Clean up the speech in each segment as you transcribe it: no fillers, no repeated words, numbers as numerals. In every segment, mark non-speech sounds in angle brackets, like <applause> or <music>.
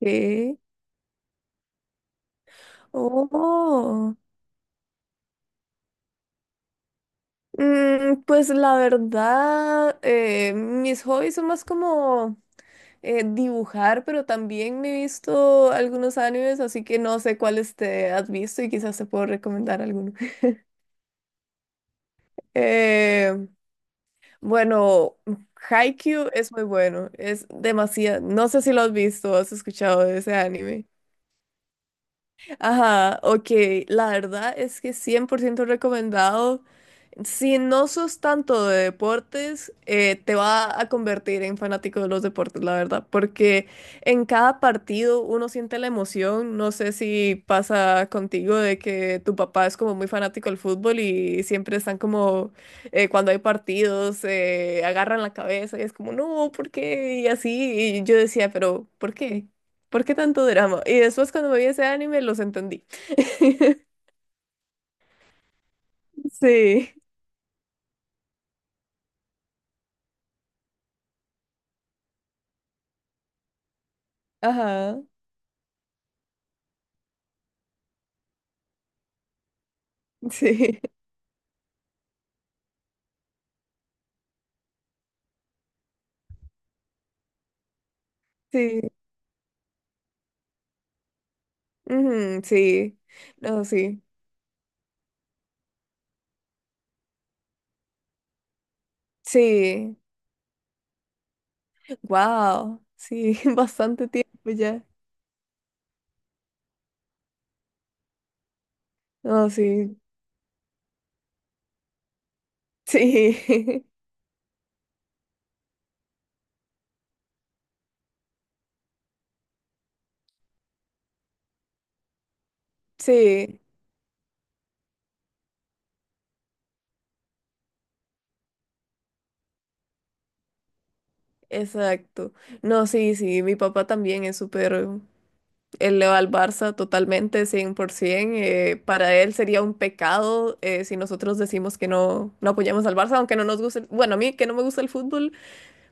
Sí. Oh. Pues la verdad, mis hobbies son más como dibujar, pero también me he visto algunos animes, así que no sé cuáles te has visto y quizás te puedo recomendar alguno. <laughs> Eh, bueno, Haikyuu es muy bueno, es demasiado. No sé si lo has visto o has escuchado de ese anime. Ajá, ok, la verdad es que 100% recomendado. Si no sos tanto de deportes, te va a convertir en fanático de los deportes, la verdad, porque en cada partido uno siente la emoción. No sé si pasa contigo de que tu papá es como muy fanático del fútbol y siempre están como, cuando hay partidos, agarran la cabeza y es como, no, ¿por qué? Y así, y yo decía, pero ¿por qué? ¿Por qué tanto drama? Y después cuando me vi ese anime los entendí. <laughs> Sí, ajá, sí, sí, ujú, sí, no, sí, sí, wow, sí, <laughs> bastante tiempo ya. No, sí, sí, <laughs> sí, exacto. No, sí, sí, mi papá también es súper. Él le va al Barça totalmente, 100%. Para él sería un pecado si nosotros decimos que no, no apoyamos al Barça, aunque no nos guste. Bueno, a mí que no me gusta el fútbol.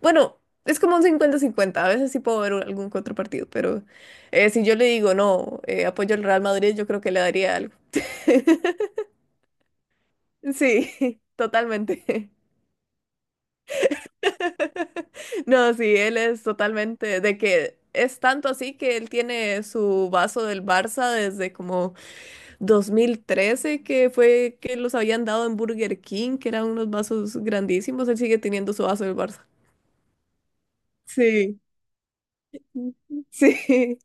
Bueno, es como un cincuenta-cincuenta. A veces sí puedo ver algún que otro partido, pero si yo le digo no, apoyo al Real Madrid, yo creo que le daría algo. Sí, <laughs> totalmente. <laughs> No, sí, él es totalmente de que es tanto así que él tiene su vaso del Barça desde como 2013, que fue que los habían dado en Burger King, que eran unos vasos grandísimos. Él sigue teniendo su vaso del Barça. Sí, sí,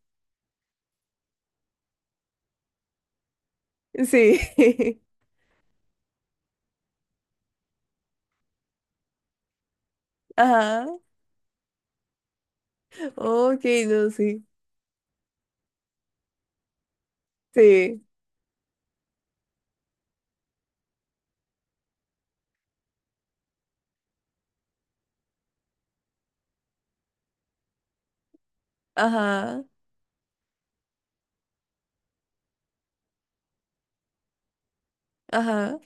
<laughs> sí. <laughs> Ajá. Ok, no, sí. Sí. Ajá. Ajá.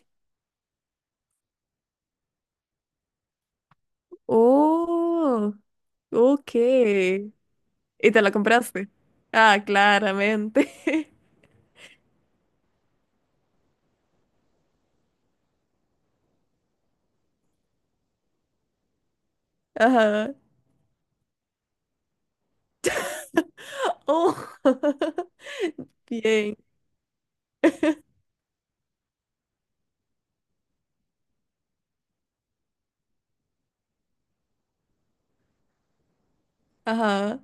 Oh, ok. ¿Y te la compraste? Ah, claramente. <laughs> Ajá. Oh, <laughs> bien. Ajá.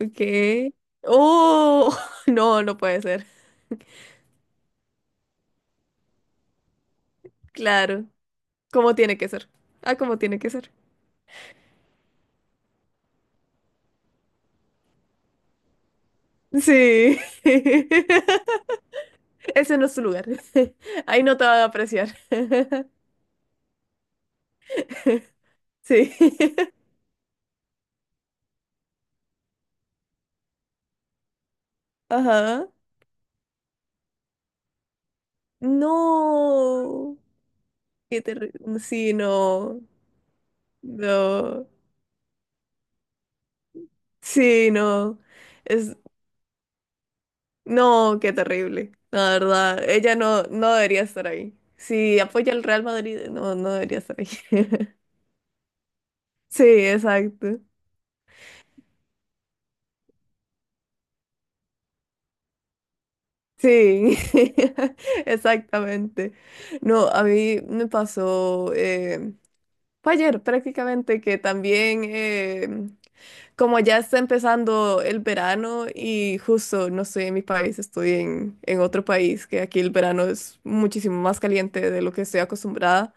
Ok. Oh, <laughs> no, no puede ser. Claro. ¿Como tiene que ser? Ah, ¿como tiene que ser? Sí. <laughs> Ese no es tu lugar. <laughs> Ahí no te van a apreciar. <laughs> Sí. <laughs> Ajá. No. Qué terrible. Sí, no. No. Sí, no. Es. No, qué terrible. La verdad. Ella no, no debería estar ahí. Si apoya al Real Madrid, no, no debería estar ahí. <laughs> Sí, exacto. Sí, <laughs> exactamente. No, a mí me pasó, fue ayer prácticamente que también, como ya está empezando el verano y justo no estoy en mi país, estoy en otro país, que aquí el verano es muchísimo más caliente de lo que estoy acostumbrada.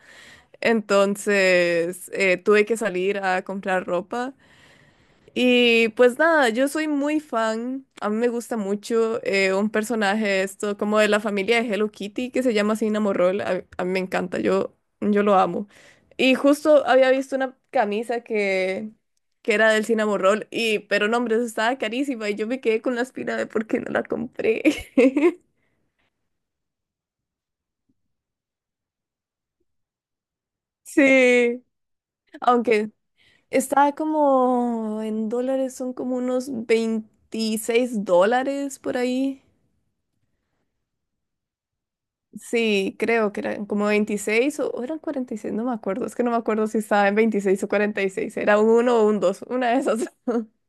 Entonces, tuve que salir a comprar ropa. Y pues nada, yo soy muy fan, a mí me gusta mucho un personaje de esto, como de la familia de Hello Kitty, que se llama Cinnamon Morroll, a mí me encanta, yo lo amo. Y justo había visto una camisa que era del Cinnamon Roll, y, pero no, hombre, eso estaba carísima y yo me quedé con la espina de por qué no la compré. <laughs> Sí, aunque estaba como en dólares, son como unos 26 dólares por ahí. Sí, creo que eran como 26 o eran 46, no me acuerdo, es que no me acuerdo si estaba en 26 o 46, era un uno o un 2, una de esas. <laughs>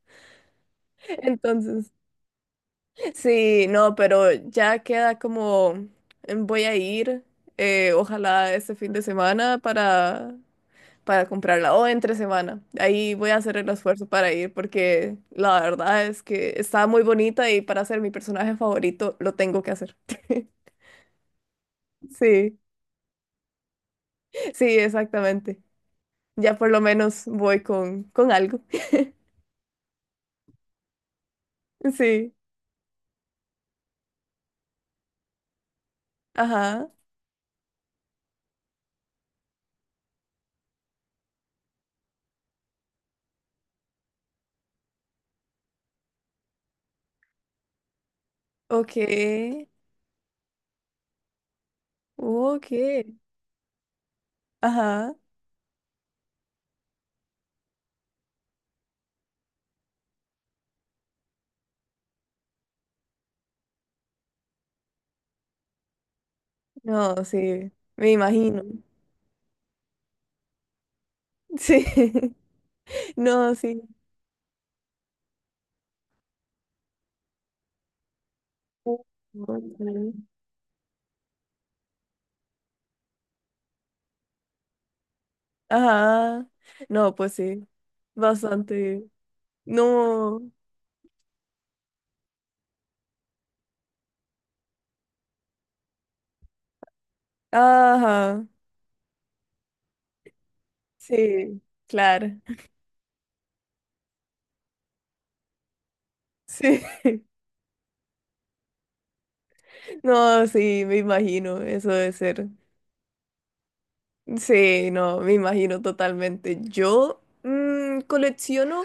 Entonces, sí, no, pero ya queda como, voy a ir, ojalá este fin de semana para, comprarla, o entre semana, ahí voy a hacer el esfuerzo para ir, porque la verdad es que está muy bonita y para ser mi personaje favorito lo tengo que hacer. <laughs> Sí, sí, exactamente. Ya por lo menos voy con, algo. <laughs> Sí, ajá, ok, ok, ajá, no, sí, me imagino, sí, <laughs> no, sí, Ok. Ajá, no, pues sí, bastante, no, ajá, sí, claro, sí, <laughs> no, sí, me imagino, eso debe ser, sí, no, me imagino totalmente, yo colecciono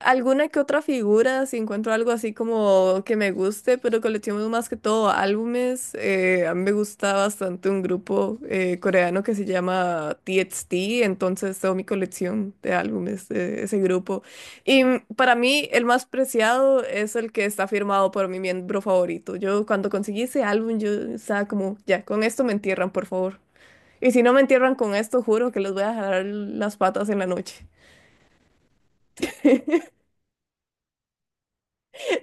alguna que otra figura, si encuentro algo así como que me guste, pero colecciono más que todo álbumes. A mí me gusta bastante un grupo coreano que se llama TXT, entonces tengo mi colección de álbumes de ese grupo. Para mí el más preciado es el que está firmado por mi miembro favorito. Yo cuando conseguí ese álbum, yo estaba como, ya, con esto me entierran, por favor. Y si no me entierran con esto, juro que les voy a jalar las patas en la noche. <laughs>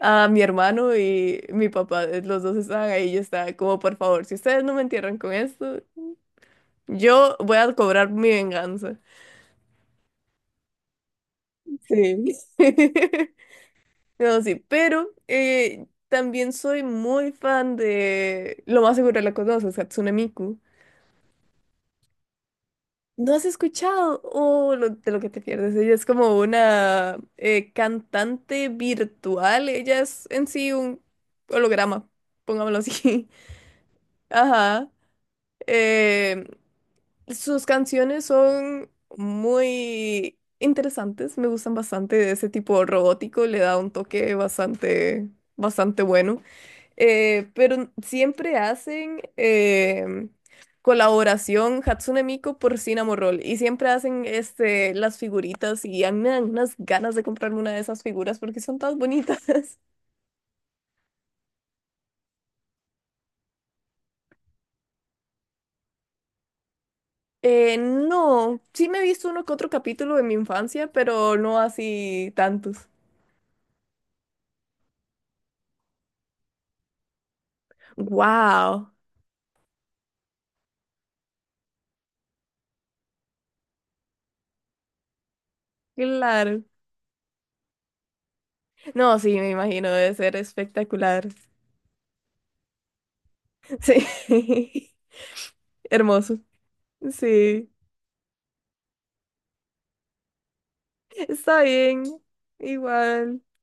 A mi hermano y mi papá, los dos estaban ahí, yo estaba como, por favor, si ustedes no me entierran con esto, yo voy a cobrar mi venganza. Sí. <laughs> No, sí, pero también soy muy fan de, lo más seguro la conoces, Hatsune Miku. ¿No has escuchado? Oh, de lo que te pierdes. Ella es como una cantante virtual. Ella es en sí un holograma, pongámoslo así. <laughs> Ajá. Eh, sus canciones son muy interesantes, me gustan bastante de ese tipo robótico, le da un toque bastante, bastante bueno. Pero siempre hacen colaboración Hatsune Miku por Cinnamon Roll y siempre hacen este, las figuritas y a mí me dan unas ganas de comprarme una de esas figuras porque son tan bonitas. <laughs> No, sí me he visto uno que otro capítulo de mi infancia, pero no así tantos. Wow, claro. No, sí, me imagino, debe ser espectacular. Sí, <laughs> hermoso. Sí, está bien, igual.